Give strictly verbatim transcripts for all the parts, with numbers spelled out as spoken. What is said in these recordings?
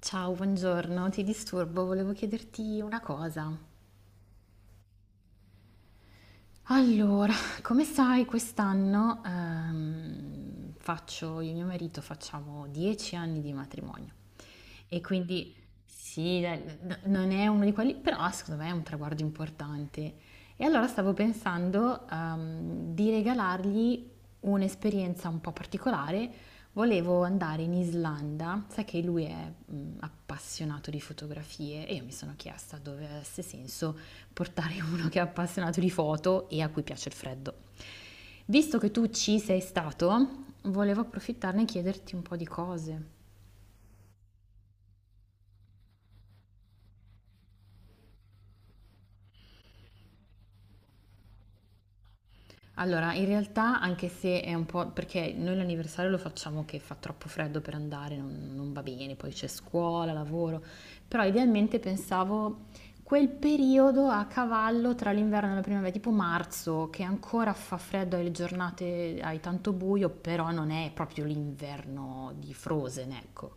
Ciao, buongiorno, ti disturbo, volevo chiederti una cosa. Allora, come sai, quest'anno ehm, faccio, io e mio marito facciamo dieci anni di matrimonio e quindi sì, dai, n- non è uno di quelli, però secondo me è un traguardo importante. E allora stavo pensando ehm, di regalargli un'esperienza un po' particolare. Volevo andare in Islanda, sai che lui è mm, appassionato di fotografie e io mi sono chiesta dove avesse senso portare uno che è appassionato di foto e a cui piace il freddo. Visto che tu ci sei stato, volevo approfittarne e chiederti un po' di cose. Allora, in realtà, anche se è un po' perché noi l'anniversario lo facciamo che fa troppo freddo per andare, non, non va bene, poi c'è scuola, lavoro, però idealmente pensavo quel periodo a cavallo tra l'inverno e la primavera, tipo marzo, che ancora fa freddo, hai le giornate, hai tanto buio, però non è proprio l'inverno di Frozen, ecco.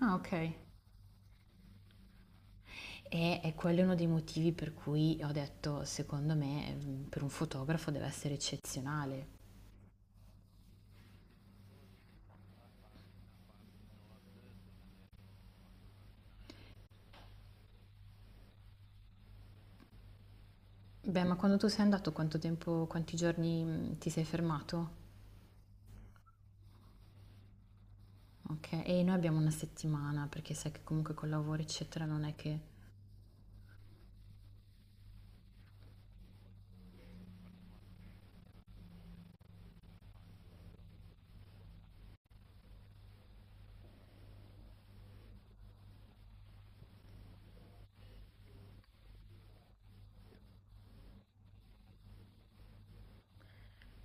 Ah, ok. E, e quello è uno dei motivi per cui ho detto, secondo me, mm, per un fotografo deve essere eccezionale. Beh, ma quando tu sei andato quanto tempo, quanti giorni mh, ti sei fermato? Ok, e noi abbiamo una settimana perché sai che comunque con lavoro eccetera non è che...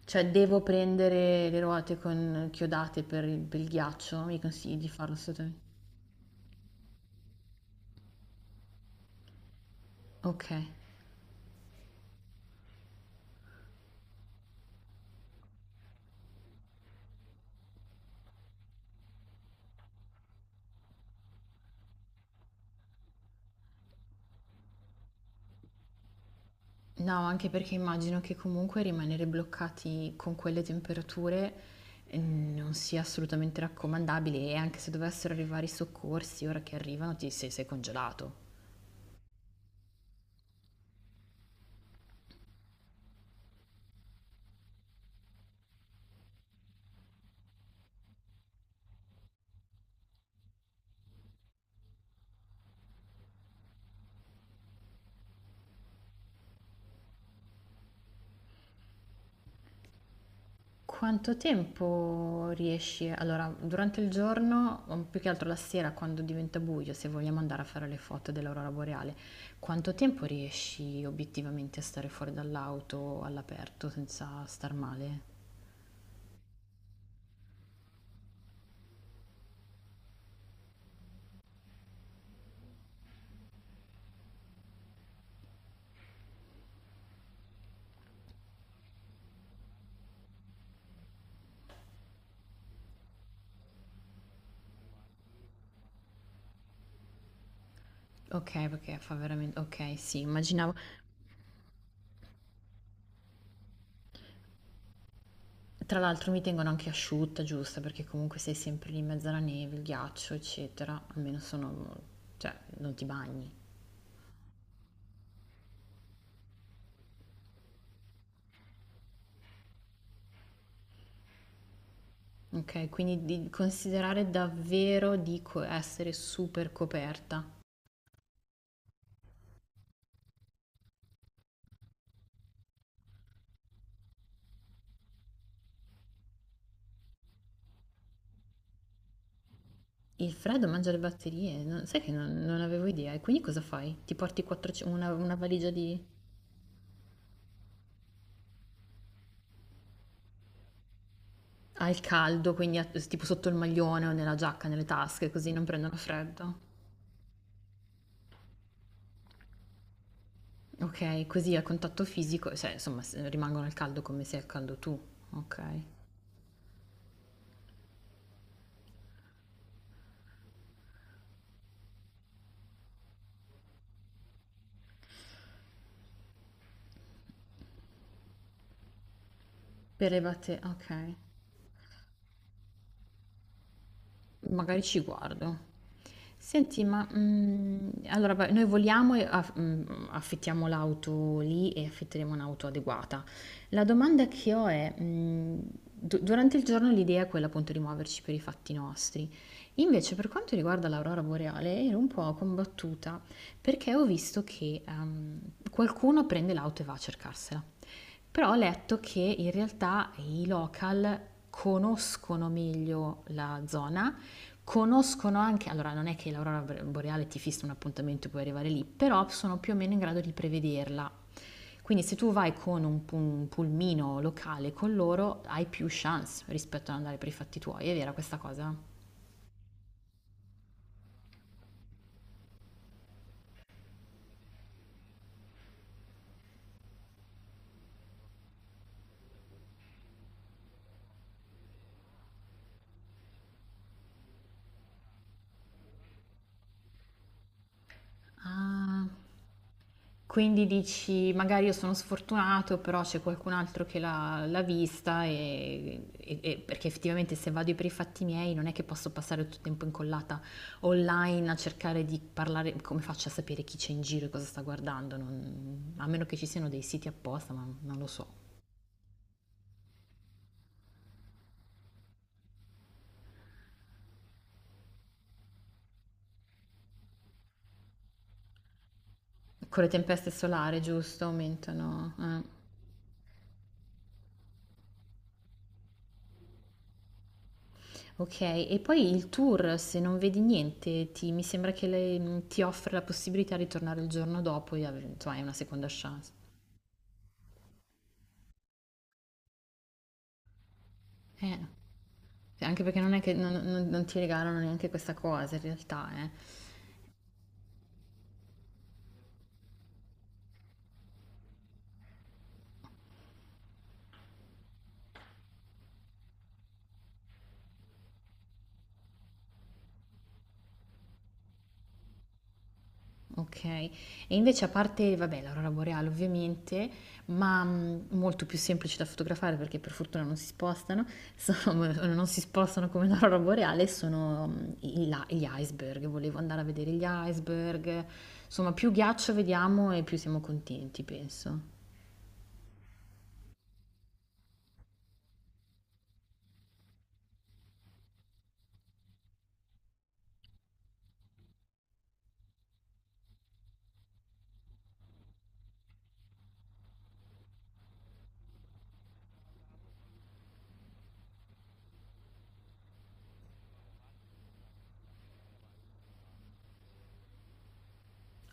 Cioè devo prendere le ruote con chiodate per il, per il ghiaccio, mi consigli di farlo assolutamente. Ok, no, anche perché immagino che comunque rimanere bloccati con quelle temperature eh, non sia assolutamente raccomandabile e anche se dovessero arrivare i soccorsi, ora che arrivano ti sei, sei congelato. Quanto tempo riesci allora, durante il giorno, o più che altro la sera quando diventa buio, se vogliamo andare a fare le foto dell'aurora boreale, quanto tempo riesci obiettivamente a stare fuori dall'auto all'aperto senza star male? Ok, perché fa veramente... Ok, sì, immaginavo. Tra l'altro mi tengono anche asciutta, giusta, perché comunque sei sempre lì in mezzo alla neve, il ghiaccio, eccetera. Almeno sono... cioè, non ti bagni. Okay, quindi di considerare davvero di co essere super coperta. Il freddo mangia le batterie, non sai che non non avevo idea. E quindi cosa fai? Ti porti quattroce una una valigia di al caldo, quindi a s tipo sotto il maglione o nella giacca, nelle tasche, così non prendono freddo. Okay, così a contatto fisico, cioè insomma s rimangono al caldo come sei al caldo tu, okay. Per le batte okay, magari ci guardo. Senti, ma mhmm, allora vabbè, noi voliamo e af mhmm, affittiamo l'auto lì e affitteremo un'auto adeguata. La domanda che ho è, mhmm, du durante il giorno l'idea è quella appunto di muoverci per i fatti nostri. Invece per quanto riguarda l'aurora boreale ero un po' combattuta perché ho visto che, ehm, qualcuno prende l'auto e va a cercarsela. Però ho letto che in realtà i local conoscono meglio la zona conoscono anche, allora non è che l'aurora boreale ti fissa un appuntamento e puoi arrivare lì, però sono più o meno in grado di prevederla. Quindi se tu vai con un, pu- un pulmino locale con loro hai più chance rispetto ad andare per i fatti tuoi, è vera questa cosa? Ah, quindi dici, magari io sono sfortunato, però c'è qualcun altro che l'ha l'ha vista e, e- e- perché effettivamente se vado per i fatti miei non è che posso passare tutto il tempo incollata online a cercare di parlare, come faccio a sapere chi c'è in giro e cosa sta guardando? Non- a meno che ci siano dei siti apposta, ma non lo so. Con le tempeste solari, giusto, aumentano. Eh. Ok, e poi il tour, se non vedi niente, ti- mi sembra che le- ti offre la possibilità di tornare il giorno dopo, e avere- insomma, hai una seconda chance. Eh, cioè, anche perché non è che non, non- non ti regalano neanche questa cosa in realtà, eh. Ok. E invece a parte, vabbè, l'aurora boreale ovviamente, ma mh, molto più semplice da fotografare perché per fortuna non si spostano, sono- non si spostano come l'aurora boreale, sono mh, i la- gli iceberg. Volevo andare a vedere gli iceberg. Insomma, più ghiaccio vediamo e più siamo contenti, penso.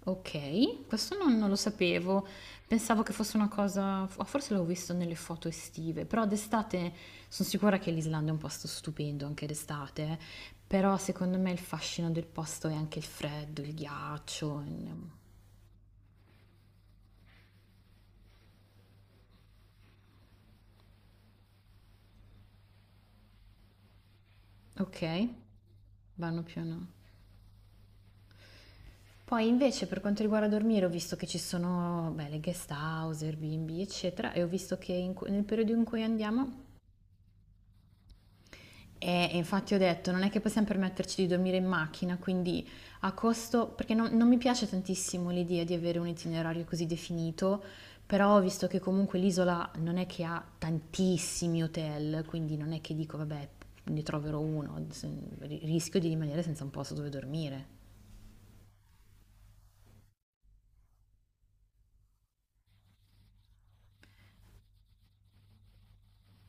Okay, questo non non lo sapevo. Pensavo che fosse una cosa f forse l'avevo visto nelle foto estive, però d'estate son sicura che l'Islanda è un posto stupendo anche d'estate, eh. Però secondo me il fascino del posto è anche il freddo, il ghiaccio, ehm okay, vanno più o no. Poi invece per quanto riguarda dormire ho visto che ci sono, beh, le guest house, Airbnb, eccetera, e ho visto che in cu nel periodo in cui andiamo E, e infatti ho detto, non è che possiamo permetterci di dormire in macchina, quindi a costo, perché non, non mi piace tantissimo l'idea di avere un itinerario così definito, però ho visto che comunque l'isola non è che ha tantissimi hotel, quindi non è che dico, vabbè, ne troverò uno, se- rischio di rimanere senza un posto dove dormire.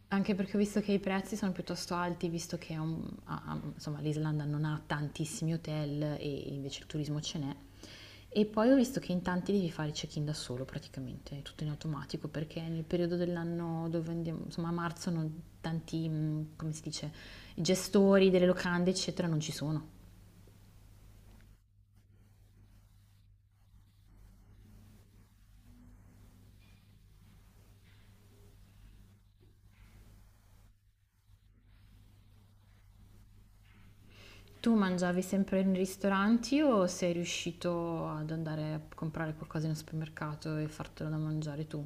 Anche perché ho visto che i prezzi sono piuttosto alti, visto che um, a- a- insomma, l'Islanda non ha tantissimi hotel e invece il turismo ce n'è. E poi ho visto che in tanti devi fare il check-in da solo praticamente, tutto in automatico, perché nel periodo dell'anno dove andiamo, insomma a marzo, non- tanti, mm, come si dice, gestori delle locande, eccetera, non ci sono. Tu mangiavi sempre in ristoranti o sei riuscito ad andare a comprare qualcosa in un supermercato e fartelo da mangiare tu?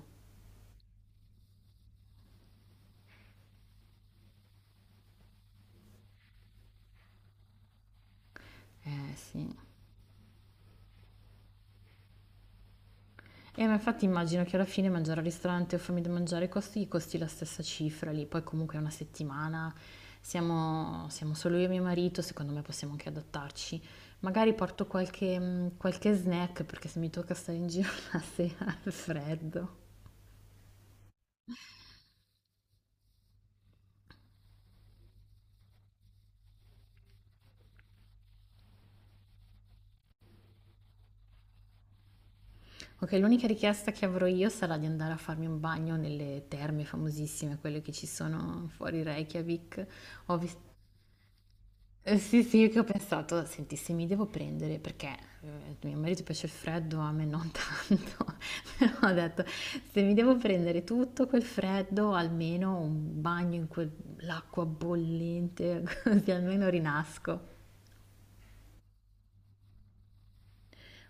Eh sì. E ma infatti immagino che alla fine mangiare al ristorante o farmi da mangiare costi, gli costi la stessa cifra lì, poi comunque è una settimana, siamo, siamo solo io e mio marito, secondo me possiamo anche adattarci. Magari porto qualche, mm, qualche snack perché se mi tocca stare in giro la sera al freddo. Ok, l'unica richiesta che avrò io sarà di andare a farmi un bagno nelle terme famosissime, quelle che ci sono fuori Reykjavik. Ho visto eh, sì, sì, che ho pensato, senti, se mi devo prendere, perché eh, mio marito piace il freddo, a me non tanto, però ho detto, se mi devo prendere tutto quel freddo, almeno un bagno in quell'acqua bollente, così almeno rinasco.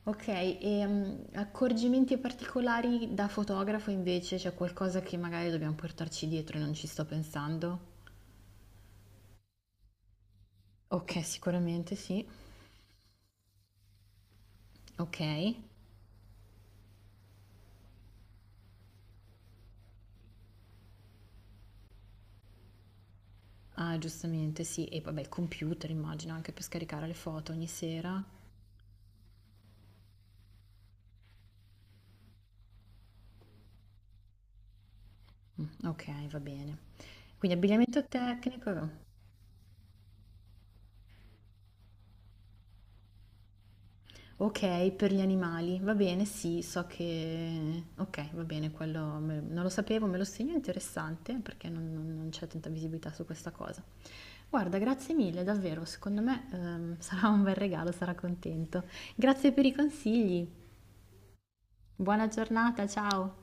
Ok, e mm, accorgimenti particolari da fotografo invece, c'è qualcosa che magari dobbiamo portarci dietro e non ci sto pensando? Ok, sicuramente sì. Ok. Ah, giustamente, sì. E vabbè, il computer immagino anche per scaricare le foto ogni sera. Mm, ok, va bene. Quindi abbigliamento tecnico. Ok, per gli animali. Va bene, sì, so che... Ok, va bene, quello me- non lo sapevo, me lo segno, è interessante perché non, non- non c'è tanta visibilità su questa cosa. Guarda, grazie mille, davvero, secondo me ehm, sarà un bel regalo, sarà contento. Grazie per i consigli. Buona giornata, ciao.